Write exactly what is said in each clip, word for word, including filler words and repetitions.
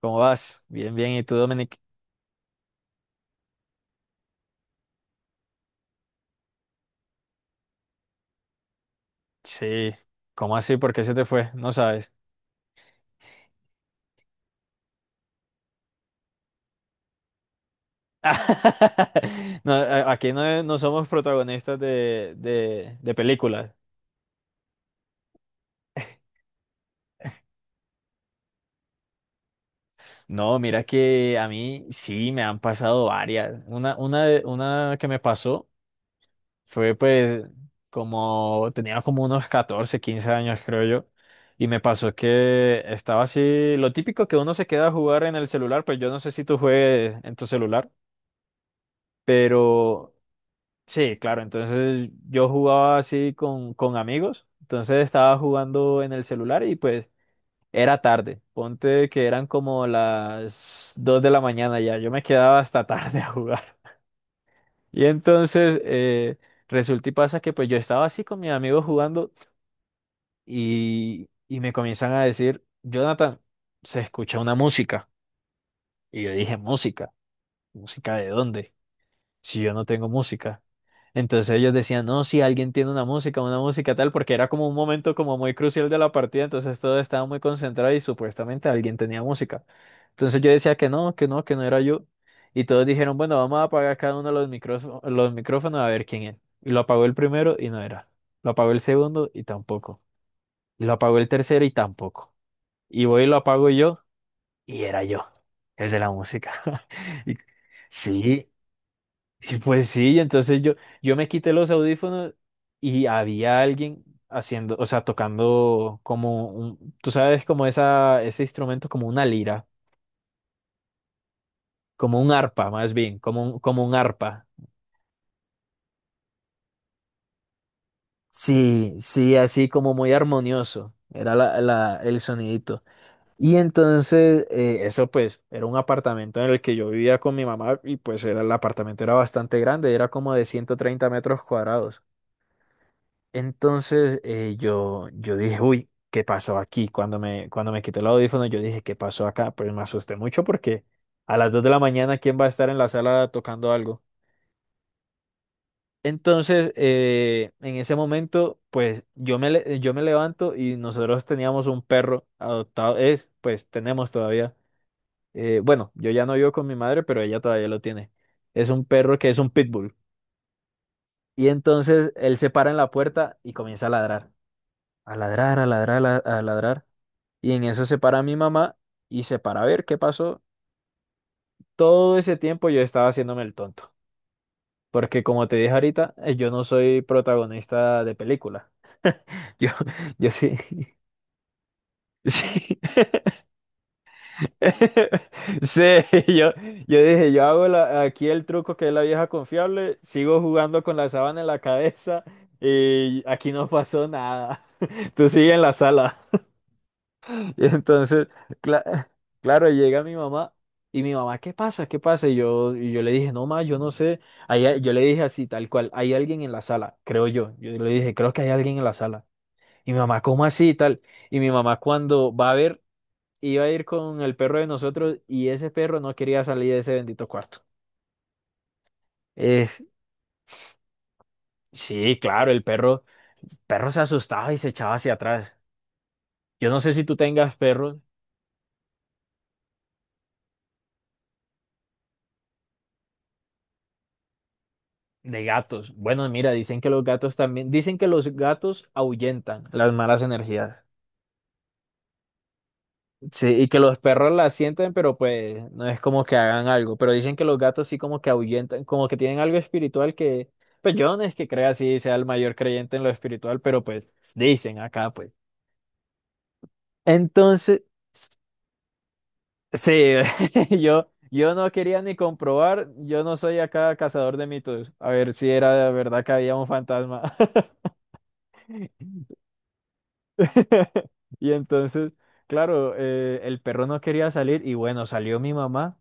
¿Cómo vas? Bien, bien. ¿Y tú, Dominic? Sí. ¿Cómo así? ¿Por qué se te fue? No sabes. No, a- aquí no, no somos protagonistas de, de, de películas. No, mira que a mí sí me han pasado varias. Una, una, de- una que me pasó fue pues como tenía como unos catorce quince años creo yo. Y me pasó que estaba así, lo típico que uno se queda a jugar en el celular, pues yo no sé si tú juegues en tu celular. Pero sí, claro, entonces yo jugaba así con, con amigos, entonces estaba jugando en el celular y pues era tarde, ponte que eran como las dos de la mañana ya, yo me quedaba hasta tarde a jugar. Y entonces eh, resulta y pasa que pues yo estaba así con mis amigos jugando y, y me comienzan a decir, Jonathan, se escucha una música. Y yo dije, ¿música? ¿Música de dónde? Si yo no tengo música. Entonces ellos decían, no, si alguien tiene una música, una música tal, porque era como un momento como muy crucial de la partida, entonces todo estaba muy concentrado y supuestamente alguien tenía música. Entonces yo decía que no, que no, que no era yo. Y todos dijeron, bueno, vamos a apagar cada uno los micrófonos, los micrófonos a ver quién es. Y lo apagó el primero y no era. Lo apagó el segundo y tampoco. Y lo apagó el tercero y tampoco. Y voy y lo apago yo y era yo, el de la música. Y- Sí, y pues sí, entonces yo, yo me quité los audífonos y había alguien haciendo, o sea, tocando como un, tú sabes, como esa, ese instrumento, como una lira, como un arpa, más bien, como un, como un arpa. Sí, sí, así como muy armonioso, era la, la- el sonidito. Y entonces, eh, eso pues, era un apartamento en el que yo vivía con mi mamá y pues era, el apartamento era bastante grande, era como de ciento treinta metros cuadrados. Entonces eh, yo, yo dije, uy, ¿qué pasó aquí? Cuando me, cuando me quité el audífono, yo dije, ¿qué pasó acá? Pero me asusté mucho porque a las dos de la mañana, ¿quién va a estar en la sala tocando algo? Entonces, eh, en ese momento, pues yo me, le- yo me levanto y nosotros teníamos un perro adoptado, es, pues tenemos todavía, eh, bueno, yo ya no vivo con mi madre, pero ella todavía lo tiene. Es un perro que es un pitbull. Y entonces él se para en la puerta y comienza a ladrar, a ladrar, a ladrar, a a ladrar. Y en eso se para mi mamá y se para a ver qué pasó. Todo ese tiempo yo estaba haciéndome el tonto. Porque como te dije ahorita, eh, yo no soy protagonista de película. Yo, yo sí. Sí. Sí, yo, yo dije, yo hago la- aquí el truco que es la vieja confiable, sigo jugando con la sábana en la cabeza y aquí no pasó nada. Tú sigue en la sala. Y entonces, cla- claro, llega mi mamá y mi mamá, ¿qué pasa? ¿Qué pasa? Y yo, y yo le dije, no, ma, yo no sé. Hay a- yo le dije así, tal cual, hay alguien en la sala, creo yo. Yo le dije, creo que hay alguien en la sala. Y mi mamá, ¿cómo así? Y tal. Y mi mamá, cuando va a ver, iba a ir con el perro de nosotros y ese perro no quería salir de ese bendito cuarto. Eh, sí, claro, el perro, el perro se asustaba y se echaba hacia atrás. Yo no sé si tú tengas perros. De gatos. Bueno, mira, dicen que los gatos también, dicen que los gatos ahuyentan las malas energías. Sí, y que los perros las sienten, pero pues no es como que hagan algo. Pero dicen que los gatos sí como que ahuyentan, como que tienen algo espiritual que, pues yo no es que crea así, sea el mayor creyente en lo espiritual, pero pues dicen acá, pues. Entonces, sí, yo, yo no quería ni comprobar, yo no soy acá cazador de mitos, a ver si era de verdad que había un fantasma. Y entonces, claro, eh, el perro no quería salir y bueno, salió mi mamá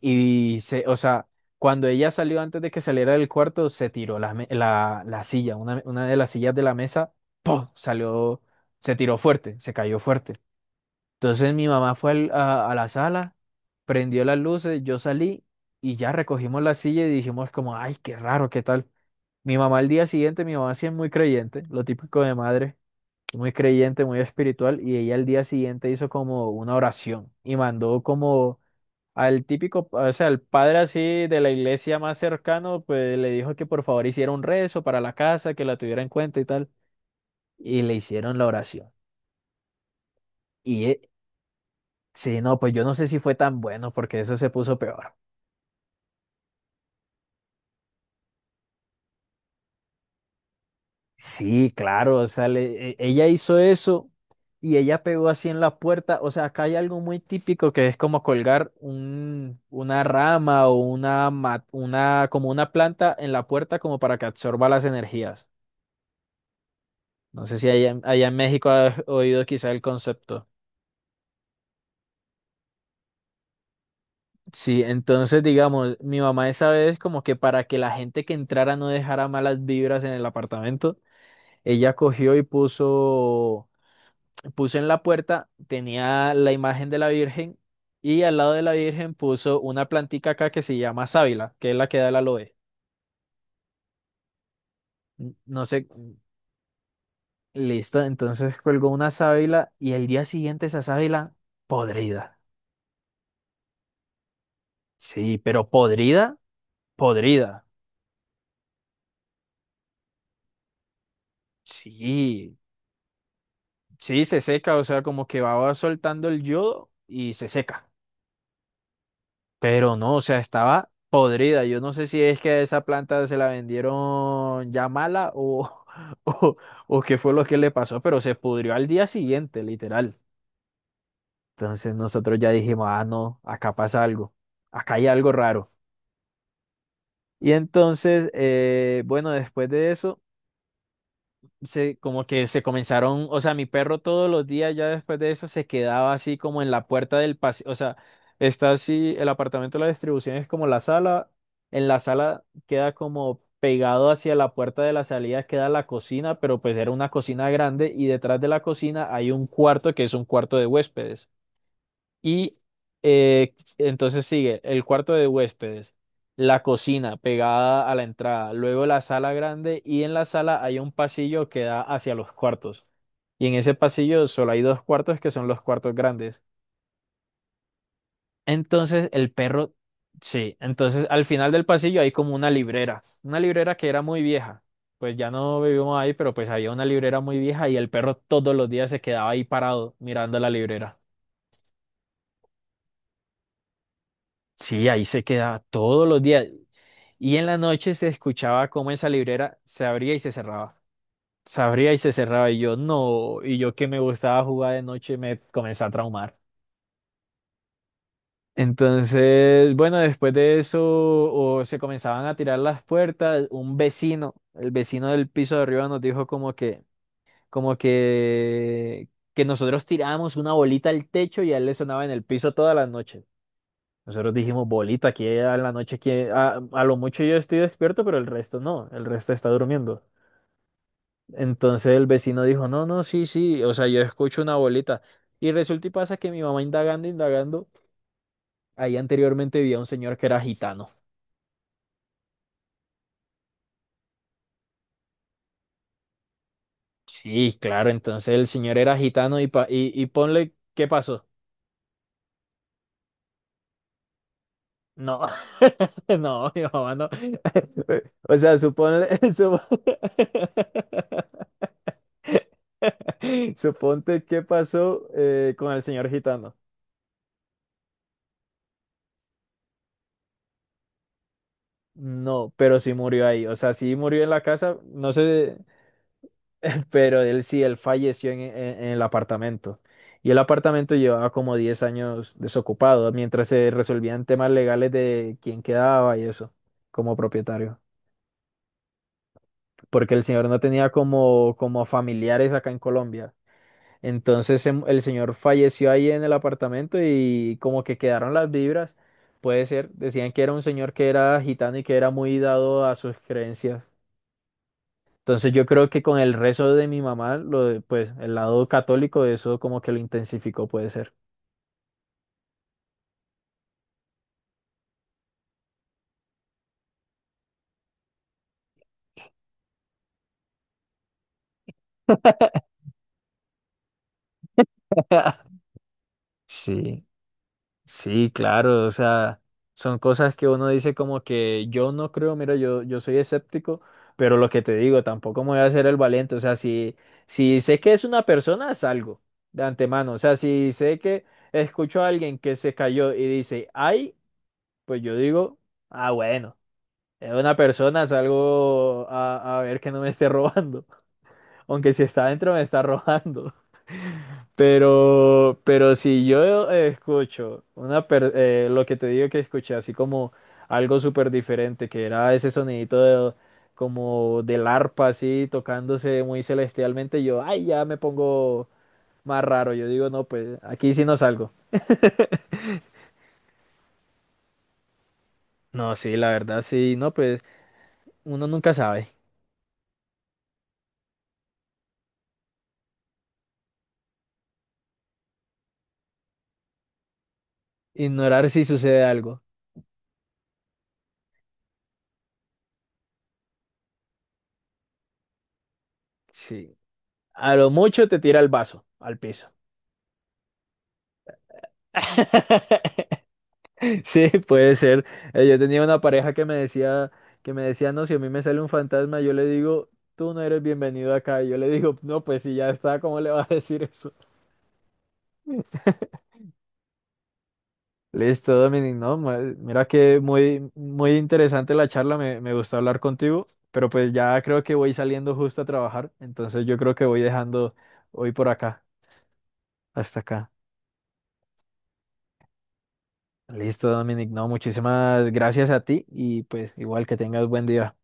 y se, o sea, cuando ella salió antes de que saliera del cuarto, se tiró la, me- la, la silla, una, una de las sillas de la mesa, ¡pum! Salió, se tiró fuerte, se cayó fuerte. Entonces mi mamá fue al- a, a la sala, prendió las luces, yo salí y ya recogimos la silla y dijimos como, ay, qué raro, qué tal. Mi mamá al día siguiente, mi mamá sí es muy creyente, lo típico de madre muy creyente, muy espiritual, y ella al día siguiente hizo como una oración y mandó como al típico, o sea, al padre así de la iglesia más cercano, pues le dijo que por favor hiciera un rezo para la casa, que la tuviera en cuenta y tal, y le hicieron la oración. Y eh, sí, no, pues yo no sé si fue tan bueno porque eso se puso peor. Sí, claro, o sea, le- e- ella hizo eso y ella pegó así en la puerta. O sea, acá hay algo muy típico que es como colgar un, una rama o una, ma- una, como una planta en la puerta como para que absorba las energías. No sé si allá, en allá en México has oído quizá el concepto. Sí, entonces digamos, mi mamá esa vez como que para que la gente que entrara no dejara malas vibras en el apartamento, ella cogió y puso puso en la puerta, tenía la imagen de la Virgen y al lado de la Virgen puso una plantica acá que se llama sábila, que es la que da el aloe. N- No sé, listo, entonces colgó una sábila y el día siguiente esa sábila podrida. Sí, pero podrida, podrida. Sí, sí, se seca, o sea, como que va soltando el yodo y se seca. Pero no, o sea, estaba podrida. Yo no sé si es que esa planta se la vendieron ya mala o, o, o qué fue lo que le pasó, pero se pudrió al día siguiente, literal. Entonces nosotros ya dijimos, ah, no, acá pasa algo, acá hay algo raro. Y entonces, eh, bueno, después de eso... se, como que se comenzaron, o sea, mi perro todos los días ya después de eso se quedaba así como en la puerta del pasillo, o sea, está así, el apartamento de la distribución es como la sala, en la sala queda como pegado hacia la puerta de la salida queda la cocina, pero pues era una cocina grande y detrás de la cocina hay un cuarto que es un cuarto de huéspedes. Y eh, entonces sigue el cuarto de huéspedes, la cocina pegada a la entrada, luego la sala grande y en la sala hay un pasillo que da hacia los cuartos. Y en ese pasillo solo hay dos cuartos que son los cuartos grandes. Entonces el perro, sí, entonces al final del pasillo hay como una librera, una librera que era muy vieja. Pues ya no vivimos ahí, pero pues había una librera muy vieja y el perro todos los días se quedaba ahí parado mirando la librera. Sí, ahí se quedaba todos los días. Y en la noche se escuchaba cómo esa librera se abría y se cerraba. Se abría y se cerraba. Y yo no, y yo que me gustaba jugar de noche me comencé a traumar. Entonces, bueno, después de eso, o se comenzaban a tirar las puertas. Un vecino, el vecino del piso de arriba nos dijo como que, como que, que nosotros tirábamos una bolita al techo y a él le sonaba en el piso toda la noche. Nosotros dijimos, bolita, aquí en la noche, aquí, a, a lo mucho yo estoy despierto, pero el resto no, el resto está durmiendo. Entonces el vecino dijo, no, no, sí, sí, o sea, yo escucho una bolita. Y resulta y pasa que mi mamá indagando, indagando, ahí anteriormente vivía un señor que era gitano. Sí, claro, entonces el señor era gitano y, pa- y, y ponle, ¿qué pasó? No, no, mi mamá no. O sea, suponle, supo- suponte qué pasó eh, con el señor gitano. No, pero sí murió ahí, o sea, sí murió en la casa, no sé, pero él sí, él falleció en, en- en el apartamento. Y el apartamento llevaba como diez años desocupado, mientras se resolvían temas legales de quién quedaba y eso, como propietario. Porque el señor no tenía como, como familiares acá en Colombia. Entonces em- el señor falleció ahí en el apartamento y como que quedaron las vibras. Puede ser, decían que era un señor que era gitano y que era muy dado a sus creencias. Entonces yo creo que con el rezo de mi mamá, lo de- pues el lado católico, eso como que lo intensificó, puede ser. Sí, sí, claro, o sea, son cosas que uno dice como que yo no creo, mira, yo, yo soy escéptico, pero lo que te digo, tampoco me voy a hacer el valiente, o sea, si, si sé que es una persona, salgo de antemano, o sea, si sé que escucho a alguien que se cayó y dice, ay, pues yo digo, ah, bueno, es una persona, salgo a, a ver que no me esté robando. Aunque si está adentro me está robando. Pero, pero si yo eh, escucho una per- eh, lo que te digo que escuché, así como algo súper diferente, que era ese sonidito de- como del arpa así tocándose muy celestialmente, yo, ay, ya me pongo más raro. Yo digo, no, pues aquí sí no salgo. No, sí, la verdad, sí, no, pues uno nunca sabe. Ignorar si sucede algo. Sí. A lo mucho te tira el vaso al piso. Sí, puede ser. Eh, Yo tenía una pareja que me decía, que me decía, no, si a mí me sale un fantasma, yo le digo, tú no eres bienvenido acá. Y yo le digo, no, pues si ya está, ¿cómo le vas a decir eso? Listo, Dominic, no, ma- mira que muy, muy interesante la charla, me, me gustó hablar contigo, pero pues ya creo que voy saliendo justo a trabajar, entonces yo creo que voy dejando hoy por acá, hasta acá. Listo, Dominic, no, muchísimas gracias a ti y pues igual que tengas buen día.